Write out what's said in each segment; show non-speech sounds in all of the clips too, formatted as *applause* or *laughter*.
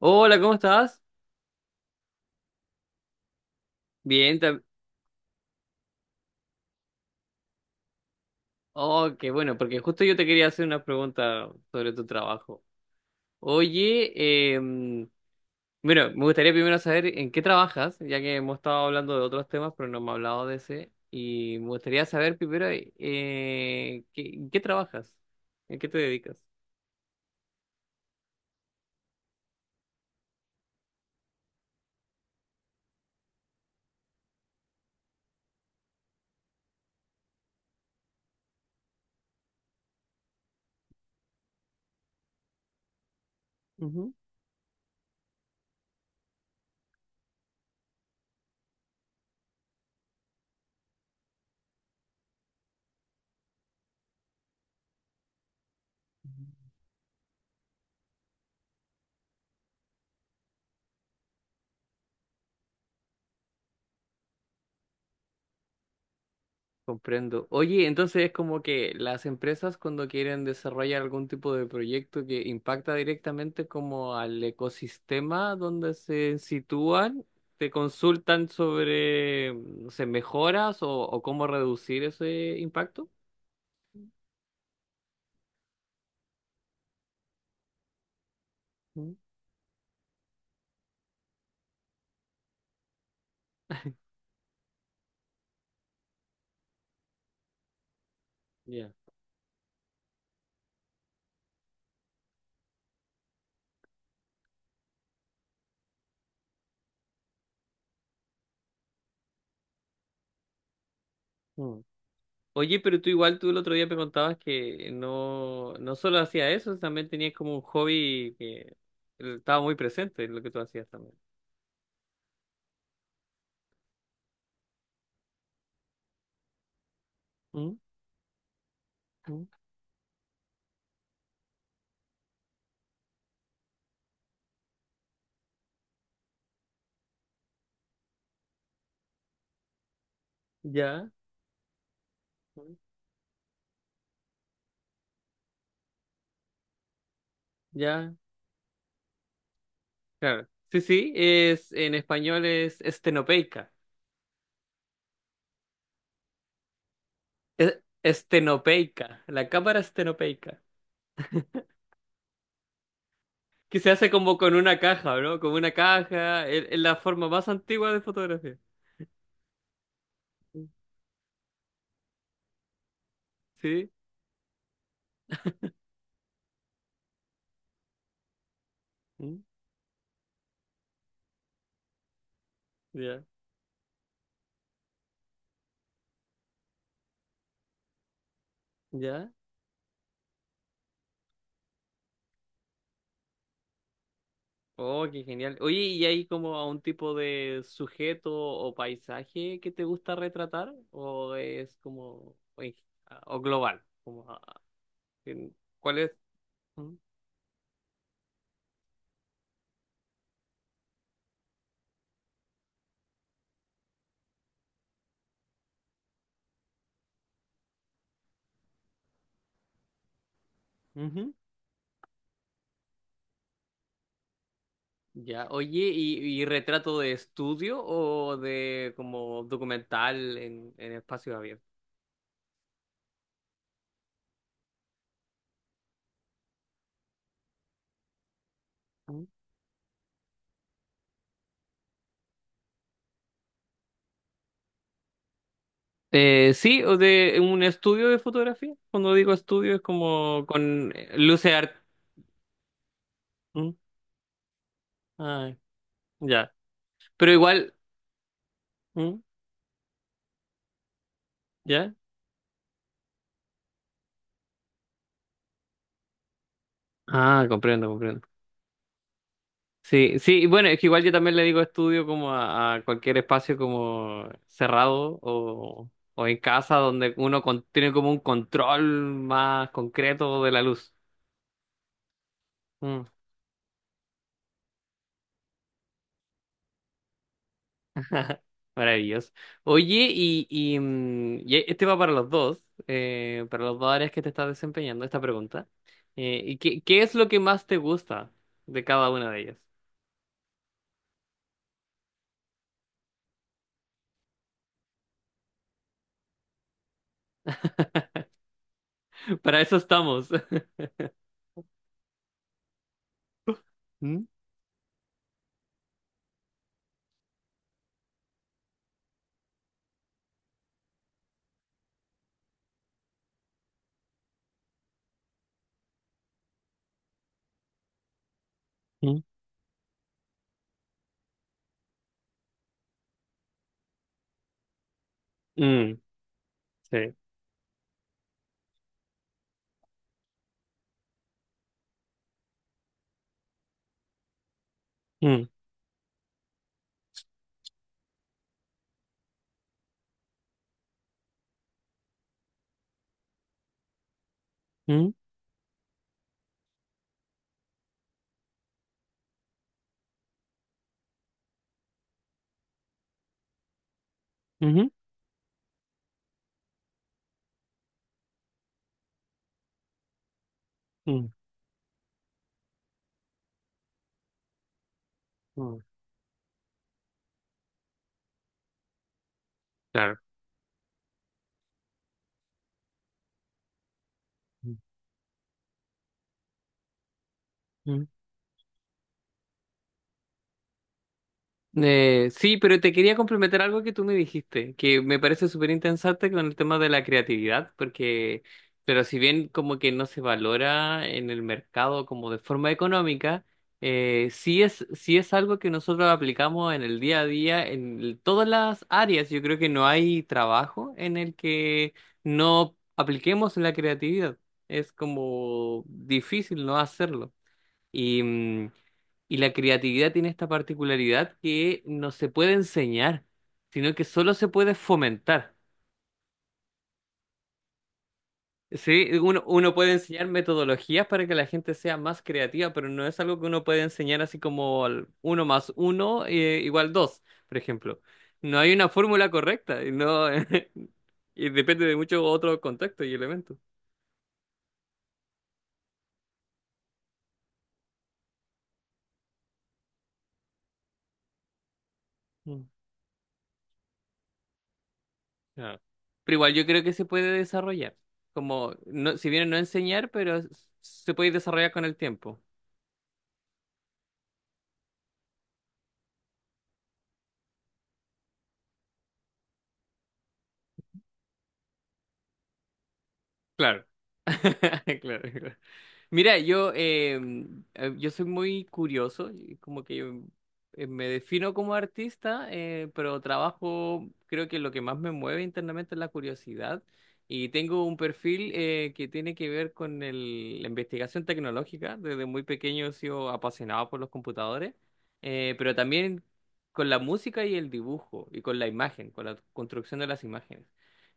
Hola, ¿cómo estás? Bien, Oh, qué bueno, porque justo yo te quería hacer una pregunta sobre tu trabajo. Oye, em, bueno, me gustaría primero saber en qué trabajas, ya que hemos estado hablando de otros temas, pero no me has hablado de ese. Y me gustaría saber primero ¿ en qué trabajas, en qué te dedicas. Comprendo. Oye, entonces es como que las empresas cuando quieren desarrollar algún tipo de proyecto que impacta directamente como al ecosistema donde se sitúan, te consultan sobre, no sé, mejoras o cómo reducir ese impacto. Mm. Ya. Mm. Oye, pero tú igual, tú el otro día me contabas que no solo hacías eso, también tenías como un hobby que estaba muy presente en lo que tú hacías también. Mm. Mm. Ya. Mm. Ya. Claro. Sí, sí, es en español es estenopeica. Estenopeica, la cámara estenopeica. Que se hace como con una caja, ¿no? Como una caja, es la forma más antigua de fotografía. Sí. Mm. Ya. Ya. Oh, qué genial. Oye, ¿y hay como a un tipo de sujeto o paisaje que te gusta retratar? ¿O es como, o global? Como, ¿cuál es? Mm. Ya, oye, y retrato de estudio o de como documental en espacio abierto? Mm. Sí, o de un estudio de fotografía. Cuando digo estudio es como con luces art. ¿Mm? Ah, ya. Pero igual, ¿Mm? ¿Ya? Ah, comprendo, comprendo. Sí, sí, y bueno, es que igual yo también le digo estudio como a cualquier espacio como cerrado o en casa donde uno tiene como un control más concreto de la luz. Mm. *laughs* Ajá. Maravilloso. Oye, este va para los dos áreas que te estás desempeñando, esta pregunta. ¿ Qué es lo que más te gusta de cada una de ellas? *laughs* Para eso estamos. *laughs* Mm. Mm. Mm. Sí. Mm. Mm. Ujú. Mm. Mm. Claro. Sí, pero te quería complementar algo que tú me dijiste, que me parece súper interesante con el tema de la creatividad, porque, pero si bien como que no se valora en el mercado como de forma económica, sí es algo que nosotros aplicamos en el día a día, en todas las áreas. Yo creo que no hay trabajo en el que no apliquemos la creatividad. Es como difícil no hacerlo. Y, mm, y la creatividad tiene esta particularidad que no se puede enseñar, sino que solo se puede fomentar. Sí, uno puede enseñar metodologías para que la gente sea más creativa, pero no es algo que uno puede enseñar así como al uno más uno igual dos, por ejemplo. No hay una fórmula correcta, y no, *laughs* y depende de muchos otros contextos y elementos. Ah. Pero igual yo creo que se puede desarrollar. Como, no, si bien no enseñar, pero se puede desarrollar con el tiempo. Claro. *laughs* Claro, claro. Mira, yo soy muy curioso, y me defino como artista, pero trabajo, creo que lo que más me mueve internamente es la curiosidad. Y tengo un perfil que tiene que ver con la investigación tecnológica. Desde muy pequeño he sido apasionado por los computadores, pero también con la música y el dibujo, y con la imagen, con la construcción de las imágenes.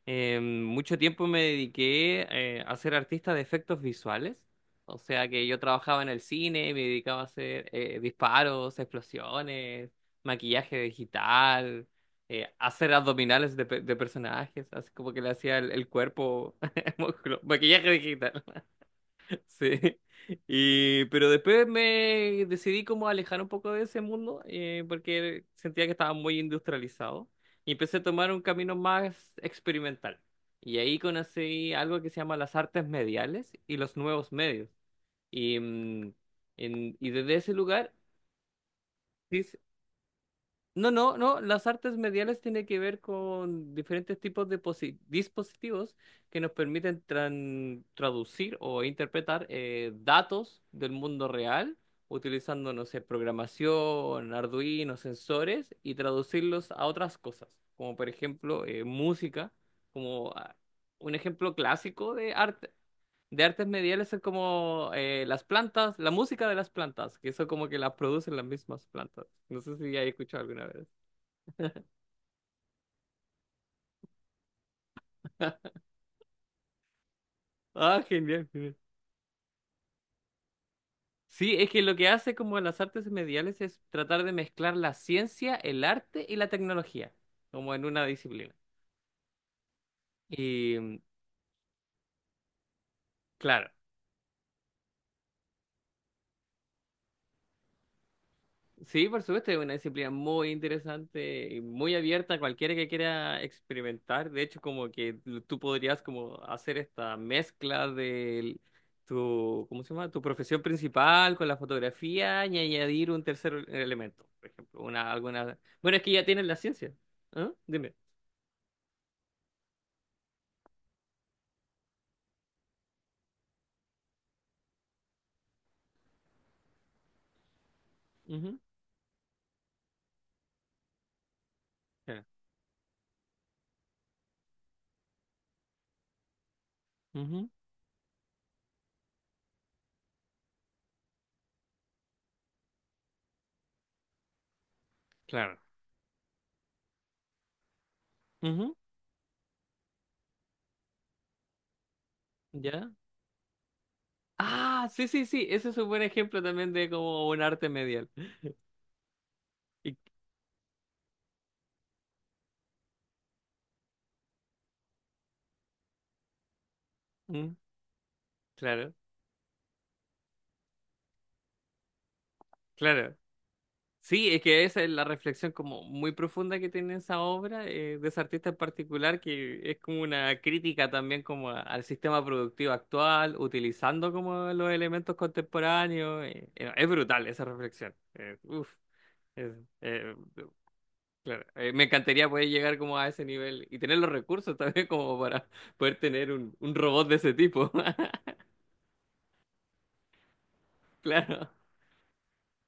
Mucho tiempo me dediqué a ser artista de efectos visuales, o sea que yo trabajaba en el cine, me dedicaba a hacer disparos, explosiones, maquillaje digital, hacer abdominales de, de personajes, así como que le hacía el cuerpo, *laughs* maquillaje digital. Sí. *laughs* Y, pero después me decidí como alejar un poco de ese mundo porque sentía que estaba muy industrializado y empecé a tomar un camino más experimental. Y ahí conocí algo que se llama las artes mediales y los nuevos medios. Y, mm, y desde ese lugar sí, no, las artes mediales tienen que ver con diferentes tipos de dispositivos que nos permiten traducir o interpretar datos del mundo real utilizando, no sé, programación, Arduino, sensores y traducirlos a otras cosas, como por ejemplo música, como ah, un ejemplo clásico de arte. De artes mediales son como las plantas, la música de las plantas, que eso como que las producen las mismas plantas. No sé si ya he escuchado alguna vez. *laughs* Ah, genial, genial. Sí, es que lo que hace como las artes mediales es tratar de mezclar la ciencia, el arte y la tecnología, como en una disciplina. Y mm, claro, sí, por supuesto, es una disciplina muy interesante y muy abierta a cualquiera que quiera experimentar. De hecho, como que tú podrías como hacer esta mezcla de tu, ¿cómo se llama? Tu profesión principal con la fotografía y añadir un tercer elemento, por ejemplo, una, alguna... Bueno, es que ya tienes la ciencia. ¿Ah? Dime. Ujú, ya, ujú. Claro. Ujú. ¿Ya? Ah, sí, sí, sí. Ese es un buen ejemplo también de como un arte medial. Y- mm, claro, claro. Sí, es que esa es la reflexión como muy profunda que tiene esa obra de ese artista en particular, que es como una crítica también como al sistema productivo actual, utilizando como los elementos contemporáneos. Es brutal esa reflexión. Es, eh, Claro, me encantaría poder llegar como a ese nivel y tener los recursos *laughs* también como para poder tener un robot de ese tipo. *laughs* Claro.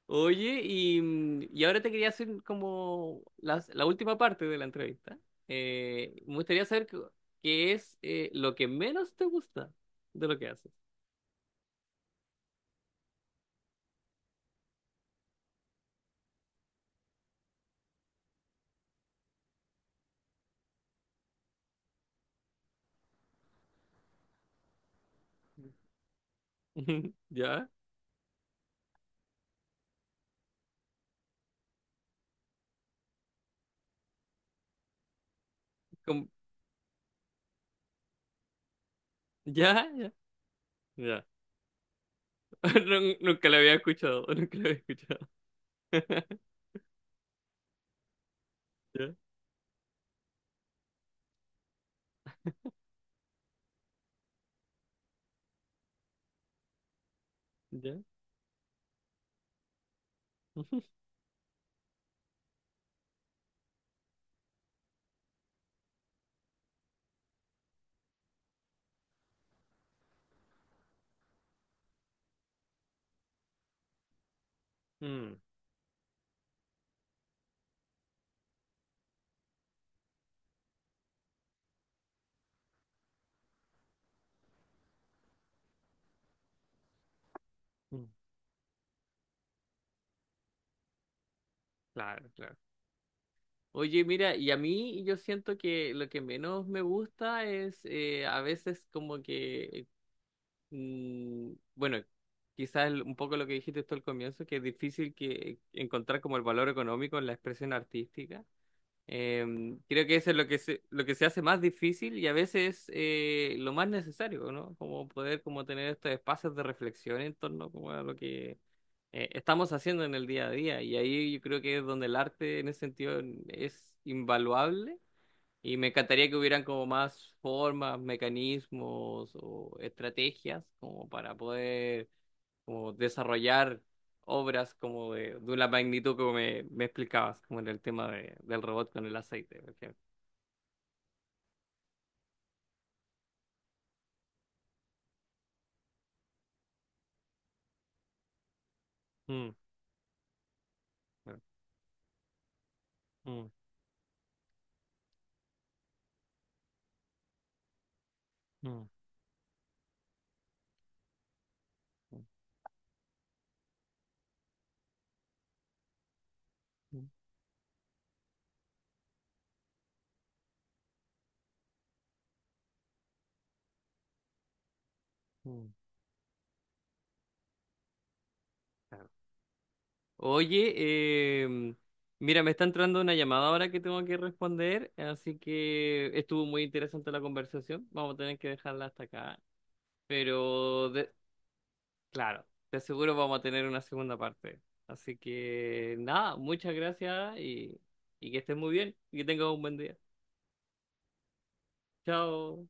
Oye, y ahora te quería hacer como la última parte de la entrevista. Me gustaría saber qué es lo que menos te gusta de lo que haces. *laughs* ¿Ya? ¿Cómo? ¿Ya? ¿Ya? ¿Ya? *laughs* Nunca lo había escuchado, *laughs* nunca lo había escuchado. *laughs* ¿Ya? ¿Ya? *laughs* Mm. Mm. Claro, claro. Oye, mira, y a mí yo siento que lo que menos me gusta es a veces como que, bueno, quizás un poco lo que dijiste tú al comienzo, que es difícil que encontrar como el valor económico en la expresión artística. Em, creo que eso es lo que se hace más difícil y a veces lo más necesario, ¿no? Como poder como tener estos espacios de reflexión en torno como a lo que estamos haciendo en el día a día. Y ahí yo creo que es donde el arte en ese sentido es invaluable. Y me encantaría que hubieran como más formas, mecanismos o estrategias como para poder como desarrollar obras como de una magnitud como me explicabas, como en el tema de, del robot con el aceite, por ejemplo. Mm. Mm. Mm. Mm. Mm. Claro. Oye, em, mira, me está entrando una llamada ahora que tengo que responder, así que estuvo muy interesante la conversación. Vamos a tener que dejarla hasta acá, pero claro, de seguro vamos a tener una segunda parte. Así que nada, muchas gracias y que estés muy bien y que tengas un buen día. Chao.